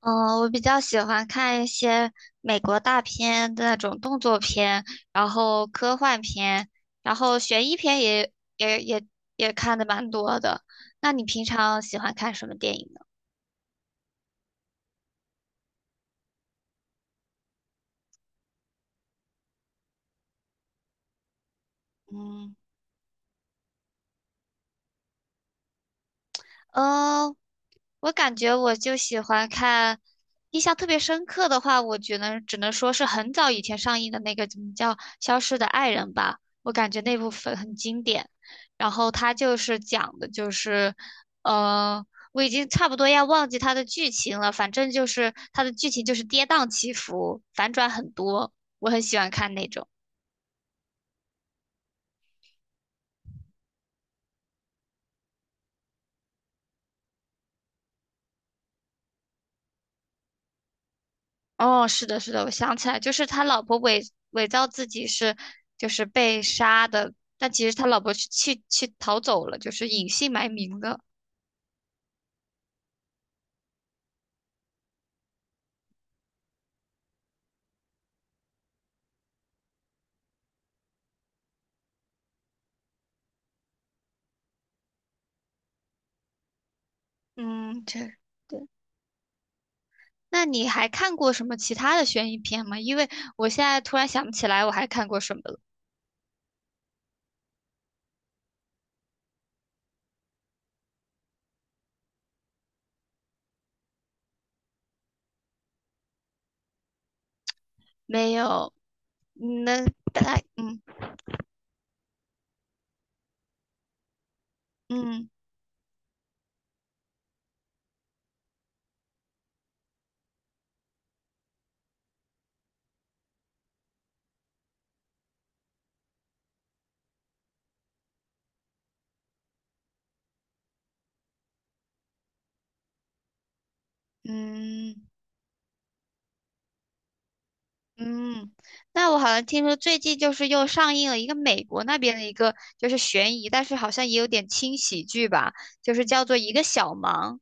嗯，我比较喜欢看一些美国大片的那种动作片，然后科幻片，然后悬疑片也也也看的蛮多的。那你平常喜欢看什么电影呢？嗯。嗯，我感觉我就喜欢看，印象特别深刻的话，我觉得只能说是很早以前上映的那个怎么叫《消失的爱人》吧，我感觉那部分很经典。然后它就是讲的就是，嗯，我已经差不多要忘记它的剧情了，反正就是它的剧情就是跌宕起伏，反转很多，我很喜欢看那种。哦，是的，是的，我想起来，就是他老婆伪造自己是就是被杀的，但其实他老婆是去逃走了，就是隐姓埋名的。嗯，这对。那你还看过什么其他的悬疑片吗？因为我现在突然想不起来我还看过什么了。没有，那大嗯嗯嗯，嗯，那我好像听说最近就是又上映了一个美国那边的一个就是悬疑，但是好像也有点轻喜剧吧，就是叫做《一个小忙》，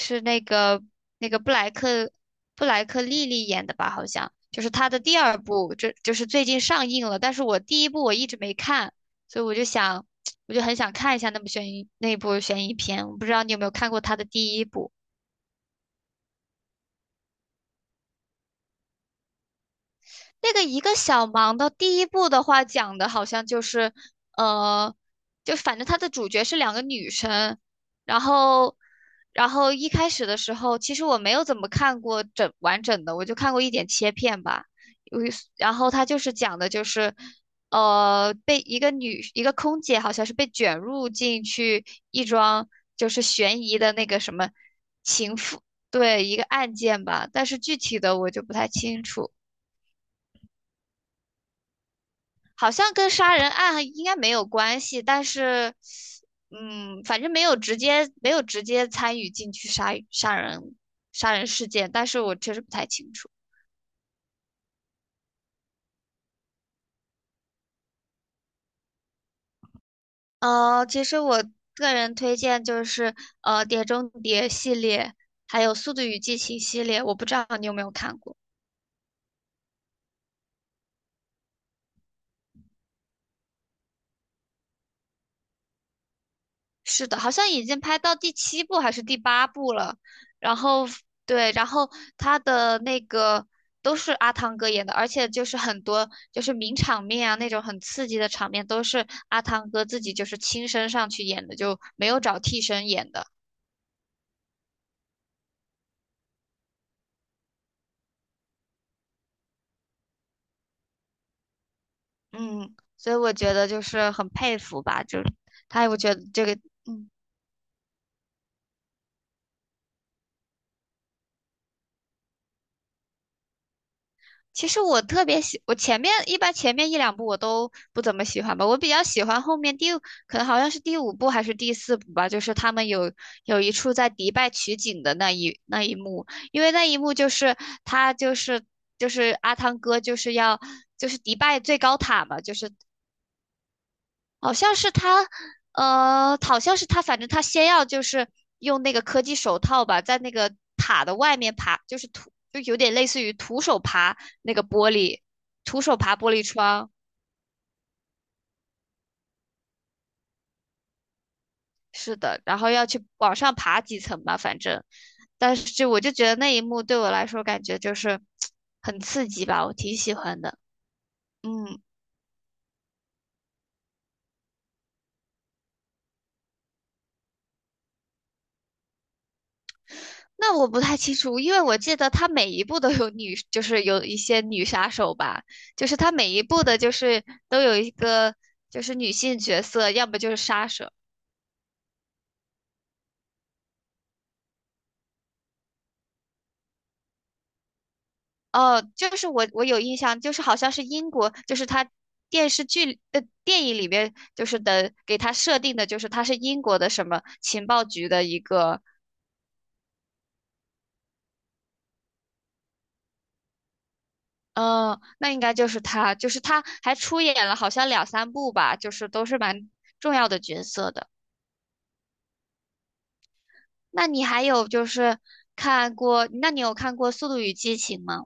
是那个布莱克莉莉演的吧？好像就是她的第二部，这就是最近上映了，但是我第一部我一直没看，所以我就想 我就很想看一下那部悬疑片，我不知道你有没有看过她的第一部。那个一个小忙的第一部的话，讲的好像就是，呃，就反正它的主角是两个女生，然后，一开始的时候，其实我没有怎么看过完整的，我就看过一点切片吧。有一然后它就是讲的就是，被一个空姐好像是被卷入进去一桩就是悬疑的那个什么情妇，对，一个案件吧，但是具体的我就不太清楚。好像跟杀人案应该没有关系，但是，反正没有直接参与进去杀人事件，但是我确实不太清楚。其实我个人推荐就是《碟中谍》系列，还有《速度与激情》系列，我不知道你有没有看过。是的，好像已经拍到第七部还是第八部了。然后对，然后他的那个都是阿汤哥演的，而且就是很多就是名场面啊，那种很刺激的场面都是阿汤哥自己就是亲身上去演的，就没有找替身演的。嗯，所以我觉得就是很佩服吧，就他我觉得这个嗯。其实我特别喜，我前面一两部我都不怎么喜欢吧，我比较喜欢后面可能好像是第五部还是第四部吧，就是他们有一处在迪拜取景的那一幕，因为那一幕就是他就是阿汤哥就是要就是迪拜最高塔嘛，就是好像是他，呃，好像是他，反正他先要就是用那个科技手套吧，在那个塔的外面爬，就是就有点类似于徒手爬那个玻璃，徒手爬玻璃窗，是的，然后要去往上爬几层吧，反正，但是就我就觉得那一幕对我来说感觉就是 很刺激吧，我挺喜欢的，嗯。那我不太清楚，因为我记得他每一部都就是有一些女杀手吧，就是他每一部的，就是都有一个就是女性角色，要么就是杀手。哦，就是我有印象，就是好像是英国，就是他电影里面就是的给他设定的，就是他是英国的什么情报局的一个，嗯、那应该就是他，就是他还出演了好像两三部吧，就是都是蛮重要的角色的。那你还有就是那你有看过《速度与激情》吗？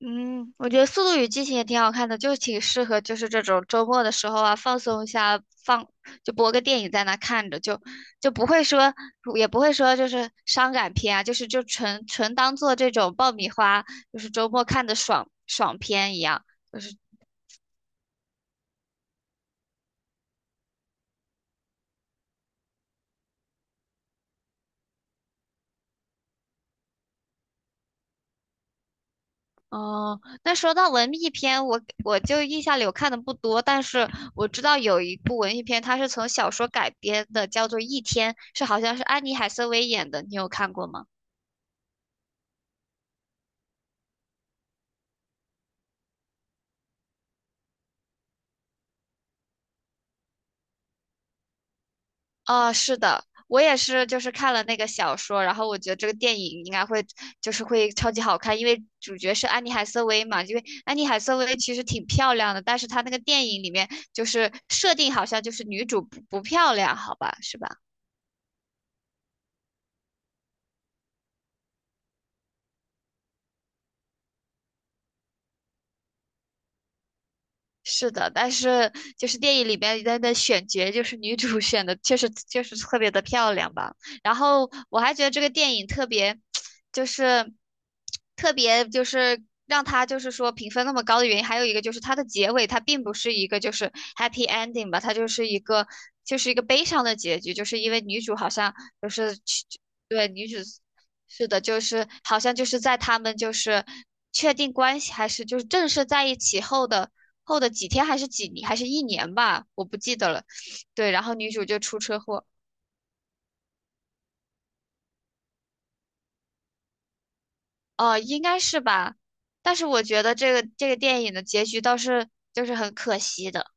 嗯，我觉得《速度与激情》也挺好看的，就挺适合就是这种周末的时候啊，放松一下，放就播个电影在那看着，就不会说也不会说就是伤感片啊，就是纯纯当做这种爆米花，就是周末看的爽爽片一样。就是。哦，那说到文艺片，我就印象里我看的不多，但是我知道有一部文艺片，它是从小说改编的，叫做《一天》，是好像是安妮海瑟薇演的，你有看过吗？哦，是的，我也是，就是看了那个小说，然后我觉得这个电影应该会，就是会超级好看，因为主角是安妮海瑟薇嘛，因为安妮海瑟薇其实挺漂亮的，但是她那个电影里面就是设定好像就是女主不漂亮，好吧，是吧？是的，但是就是电影里边的选角，就是女主选的确实确实特别的漂亮吧。然后我还觉得这个电影特别，就是特别就是让它就是说评分那么高的原因，还有一个就是它的结尾它并不是一个就是 happy ending 吧，它就是一个悲伤的结局，就是因为女主好像就是去对女主是的，就是好像就是在他们就是确定关系还是就是正式在一起后的。后的几天还是一年吧，我不记得了。对，然后女主就出车祸，哦，应该是吧，但是我觉得这个电影的结局倒是就是很可惜的，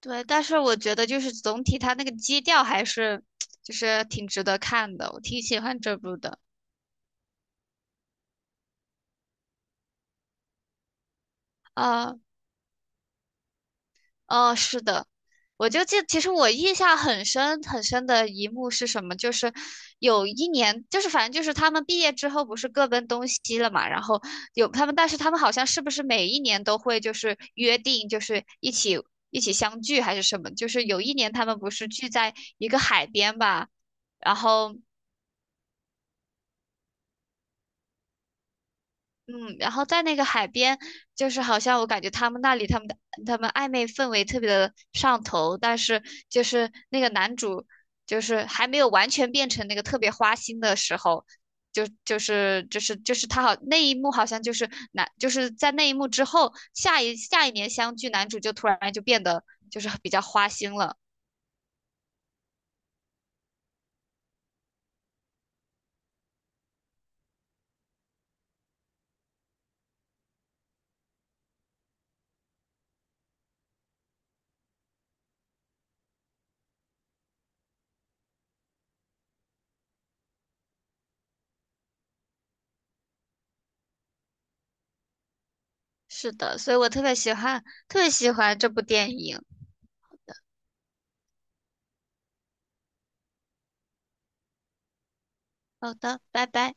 对，但是我觉得就是总体它那个基调还是 就是挺值得看的，我挺喜欢这部的啊，哦，是的，我就记，其实我印象很深很深的一幕是什么？就是有一年，就是反正就是他们毕业之后不是各奔东西了嘛，然后有他们，但是他们好像是不是每一年都会就是约定，就是一起相聚还是什么？就是有一年他们不是聚在一个海边吧，然后。嗯，然后在那个海边，就是好像我感觉他们那里他们的他们暧昧氛围特别的上头，但是就是那个男主就是还没有完全变成那个特别花心的时候，就是那一幕好像就是男就是在那一幕之后，下一年相聚，男主就突然就变得就是比较花心了。是的，所以我特别喜欢特别喜欢这部电影。好的，拜拜。